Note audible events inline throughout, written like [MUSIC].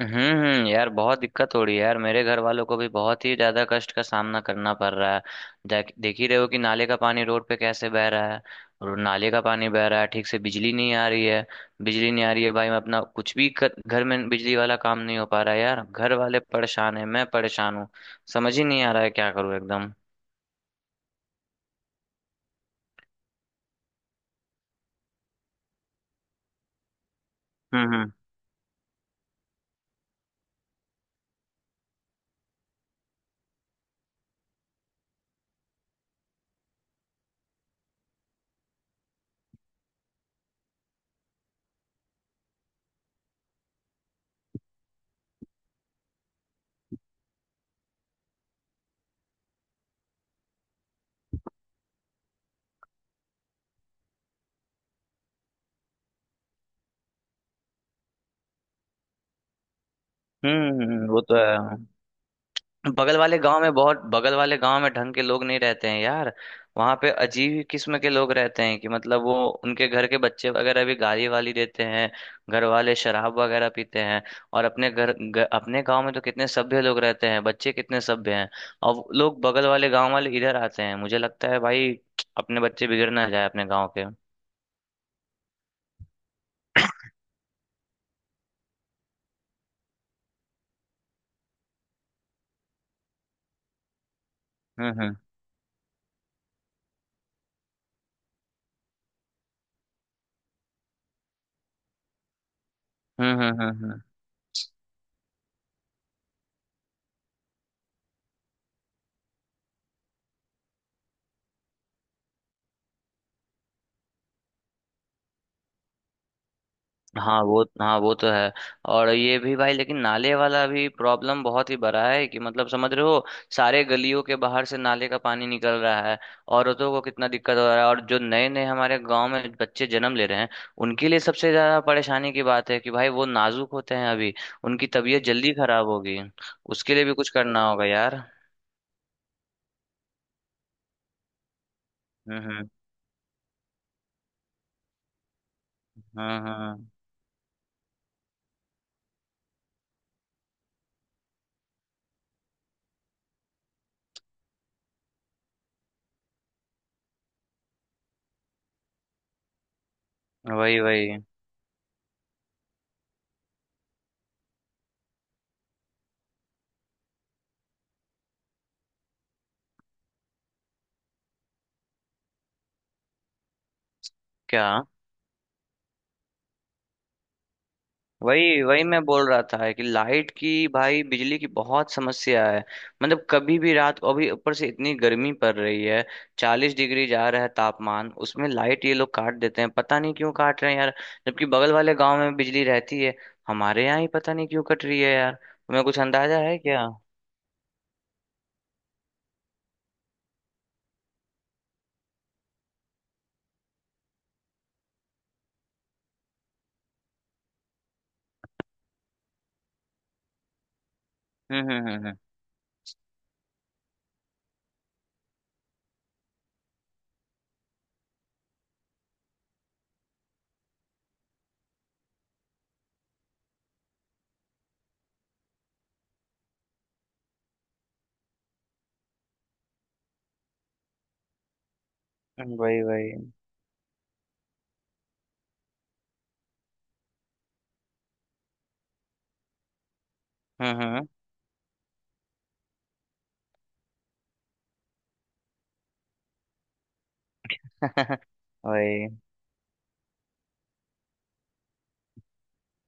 हम्म। यार बहुत दिक्कत हो रही है यार, मेरे घर वालों को भी बहुत ही ज्यादा कष्ट का सामना करना पड़ रहा है। देख देख ही रहे हो कि नाले का पानी रोड पे कैसे बह रहा है। और नाले का पानी बह रहा है, ठीक से बिजली नहीं आ रही है। बिजली नहीं आ रही है, भाई मैं अपना घर में बिजली वाला काम नहीं हो पा रहा है यार, घर वाले परेशान है, मैं परेशान हूँ। समझ ही नहीं आ रहा है क्या करूँ एकदम। हम्म हम्म हम्म। वो तो है। बगल वाले गांव में ढंग के लोग नहीं रहते हैं यार। वहां पे अजीब ही किस्म के लोग रहते हैं कि मतलब वो उनके घर के बच्चे वगैरह भी गाली वाली देते हैं, घर वाले शराब वगैरह पीते हैं। और अपने गांव में तो कितने सभ्य लोग रहते हैं, बच्चे कितने सभ्य हैं। और वो लोग बगल वाले गांव वाले इधर आते हैं, मुझे लगता है भाई अपने बच्चे बिगड़ ना जाए अपने गांव के। हम्म हम्म हम्म हम्म हम्म हम्म। हाँ वो तो है। और ये भी भाई, लेकिन नाले वाला भी प्रॉब्लम बहुत ही बड़ा है कि मतलब समझ रहे हो, सारे गलियों के बाहर से नाले का पानी निकल रहा है। औरतों को कितना दिक्कत हो रहा है, और जो नए नए हमारे गांव में बच्चे जन्म ले रहे हैं उनके लिए सबसे ज्यादा परेशानी की बात है कि भाई वो नाजुक होते हैं अभी, उनकी तबीयत जल्दी खराब होगी। उसके लिए भी कुछ करना होगा यार। हम्म हम्म हम्म हम्म वही वही। क्या? वही वही, मैं बोल रहा था कि लाइट की, भाई बिजली की बहुत समस्या है। मतलब कभी भी रात को, अभी ऊपर से इतनी गर्मी पड़ रही है, 40 डिग्री जा रहा है तापमान, उसमें लाइट ये लोग काट देते हैं, पता नहीं क्यों काट रहे हैं यार। जबकि बगल वाले गांव में बिजली रहती है, हमारे यहाँ ही पता नहीं क्यों कट रही है यार। तुम्हें कुछ अंदाजा है क्या? हम्म हम्म हम्म वही वही। हम्म। [LAUGHS] वही।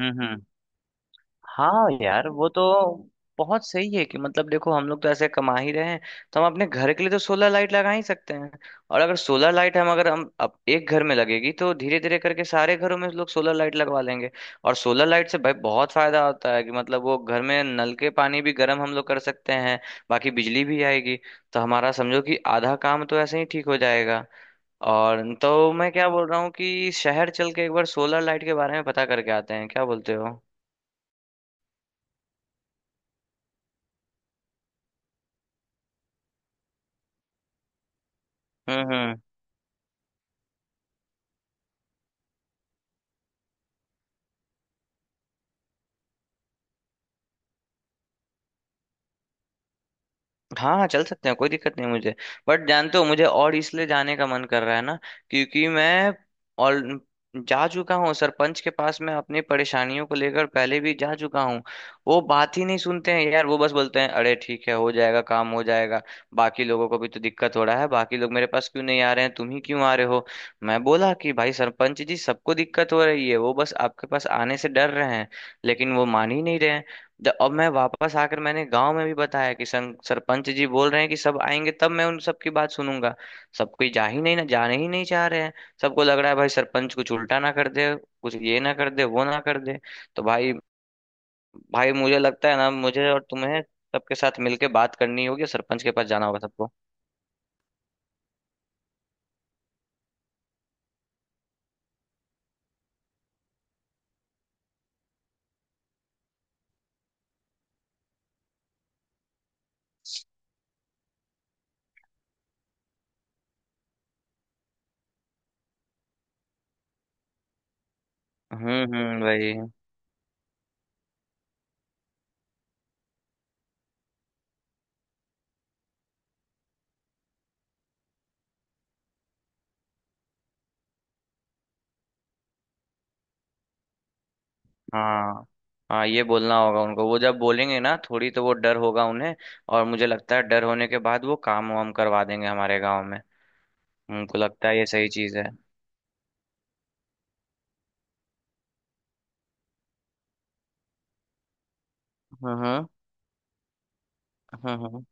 हम्म। हाँ यार वो तो बहुत सही है कि मतलब देखो, हम लोग तो ऐसे कमा ही रहे हैं, तो हम अपने घर के लिए तो सोलर लाइट लगा ही सकते हैं। और अगर सोलर लाइट हम अगर हम अब एक घर में लगेगी तो धीरे धीरे करके सारे घरों में लोग सोलर लाइट लगवा लेंगे। और सोलर लाइट से भाई बहुत फायदा होता है कि मतलब वो घर में नल के पानी भी गर्म हम लोग कर सकते हैं, बाकी बिजली भी आएगी। तो हमारा समझो कि आधा काम तो ऐसे ही ठीक हो जाएगा। और तो मैं क्या बोल रहा हूँ कि शहर चल के एक बार सोलर लाइट के बारे में पता करके आते हैं, क्या बोलते हो? हम्म। हाँ हाँ चल सकते हैं, कोई दिक्कत नहीं मुझे। बट जानते हो मुझे और इसलिए जाने का मन कर रहा है ना, क्योंकि मैं और जा चुका हूँ सरपंच के पास, मैं अपनी परेशानियों को लेकर पहले भी जा चुका हूँ। वो बात ही नहीं सुनते हैं यार, वो बस बोलते हैं अरे ठीक है हो जाएगा, काम हो जाएगा। बाकी लोगों को भी तो दिक्कत हो रहा है, बाकी लोग मेरे पास क्यों नहीं आ रहे हैं, तुम ही क्यों आ रहे हो। मैं बोला कि भाई सरपंच जी सबको दिक्कत हो रही है, वो बस आपके पास आने से डर रहे हैं, लेकिन वो मान ही नहीं रहे हैं। अब मैं वापस आकर मैंने गांव में भी बताया कि सरपंच जी बोल रहे हैं कि सब आएंगे तब मैं उन सबकी बात सुनूंगा। सब कोई जा ही नहीं ना जाने ही नहीं चाह रहे हैं। सबको लग रहा है भाई सरपंच कुछ उल्टा ना कर दे, कुछ ये ना कर दे वो ना कर दे। तो भाई। भाई मुझे लगता है ना, मुझे और तुम्हें सबके साथ मिलके बात करनी होगी और सरपंच के पास जाना होगा सबको। वही। हाँ हाँ ये बोलना होगा उनको, वो जब बोलेंगे ना थोड़ी, तो वो डर होगा उन्हें। और मुझे लगता है डर होने के बाद वो काम वाम करवा देंगे हमारे गांव में। उनको लगता है ये सही चीज है। हम्म हम्म हम्म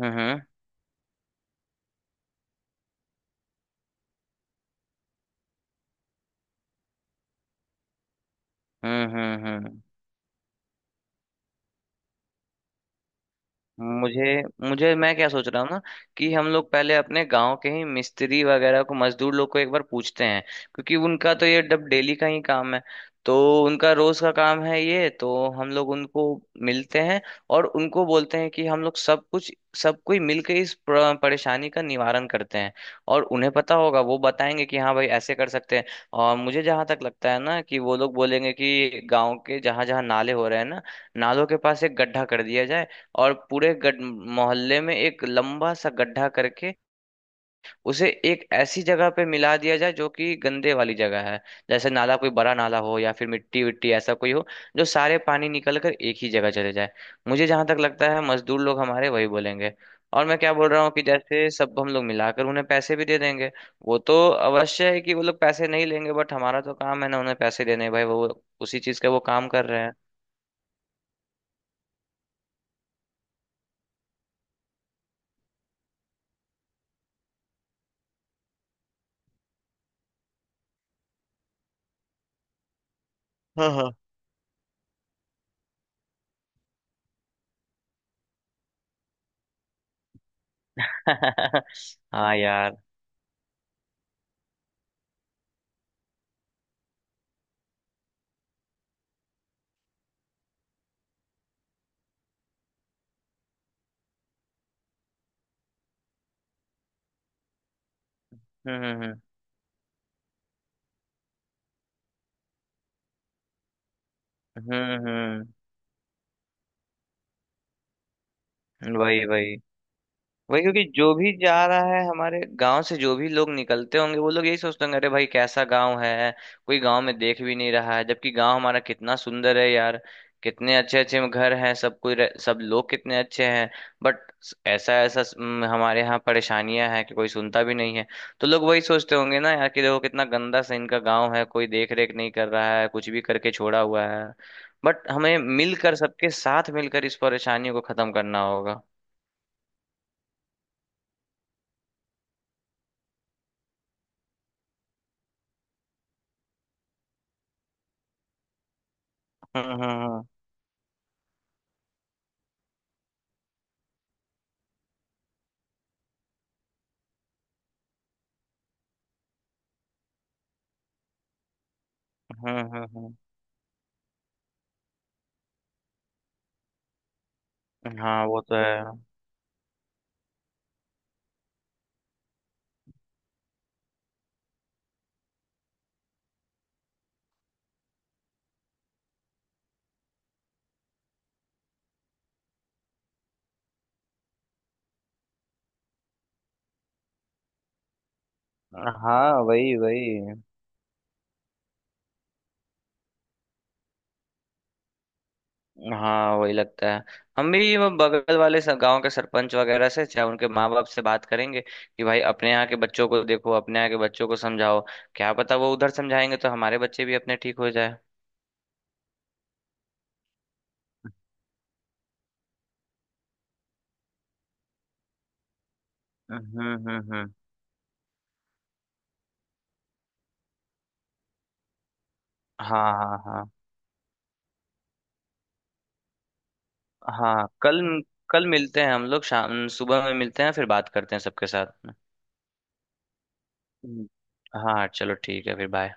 हम्म हम्म हम्म। मुझे मुझे मैं क्या सोच रहा हूँ ना कि हम लोग पहले अपने गांव के ही मिस्त्री वगैरह को, मजदूर लोग को एक बार पूछते हैं, क्योंकि उनका तो ये डब डेली का ही काम है। तो उनका रोज का काम है ये, तो हम लोग उनको मिलते हैं और उनको बोलते हैं कि हम लोग सब कुछ, सब कोई मिलकर इस परेशानी का निवारण करते हैं। और उन्हें पता होगा, वो बताएंगे कि हाँ भाई ऐसे कर सकते हैं। और मुझे जहां तक लगता है ना कि वो लोग बोलेंगे कि गांव के जहां जहां नाले हो रहे हैं ना, नालों के पास एक गड्ढा कर दिया जाए और पूरे गड मोहल्ले में एक लंबा सा गड्ढा करके उसे एक ऐसी जगह पे मिला दिया जाए जो कि गंदे वाली जगह है, जैसे नाला, कोई बड़ा नाला हो या फिर मिट्टी विट्टी ऐसा कोई हो, जो सारे पानी निकल कर एक ही जगह चले जाए। मुझे जहां तक लगता है मजदूर लोग हमारे वही बोलेंगे। और मैं क्या बोल रहा हूँ कि जैसे सब हम लोग मिलाकर उन्हें पैसे भी दे देंगे। वो तो अवश्य है कि वो लोग पैसे नहीं लेंगे, बट हमारा तो काम है ना उन्हें पैसे देने, भाई वो उसी चीज का वो काम कर रहे हैं। हाँ हाँ। [LAUGHS] हाँ यार। हम्म हम्म हम्म। हम्म वही वही। वही, क्योंकि जो भी जा रहा है हमारे गांव से, जो भी लोग निकलते होंगे वो लोग यही सोचते होंगे अरे भाई कैसा गांव है, कोई गांव में देख भी नहीं रहा है, जबकि गांव हमारा कितना सुंदर है यार। कितने अच्छे अच्छे घर हैं, सब कोई सब लोग कितने अच्छे हैं। बट ऐसा ऐसा हमारे यहाँ परेशानियां हैं कि कोई सुनता भी नहीं है। तो लोग वही सोचते होंगे ना यार कि देखो कितना गंदा सा इनका गांव है, कोई देख रेख नहीं कर रहा है, कुछ भी करके छोड़ा हुआ है। बट हमें मिलकर, सबके साथ मिलकर इस परेशानी को खत्म करना होगा। हम्म हम्म हम्म। हम्म हम्म हम्म। हाँ वो तो है। हाँ वही वही। हाँ वही लगता है। हम भी वो बगल वाले गांव के सरपंच वगैरह से, चाहे उनके माँ बाप से बात करेंगे कि भाई अपने यहाँ के बच्चों को देखो, अपने यहाँ के बच्चों को समझाओ, क्या पता वो उधर समझाएंगे तो हमारे बच्चे भी अपने ठीक हो जाए। हम्म। हाँ हाँ हाँ। हाँ कल, कल मिलते हैं हम लोग, शाम सुबह में मिलते हैं, फिर बात करते हैं सबके साथ में। हम्म। हाँ चलो ठीक है, फिर बाय।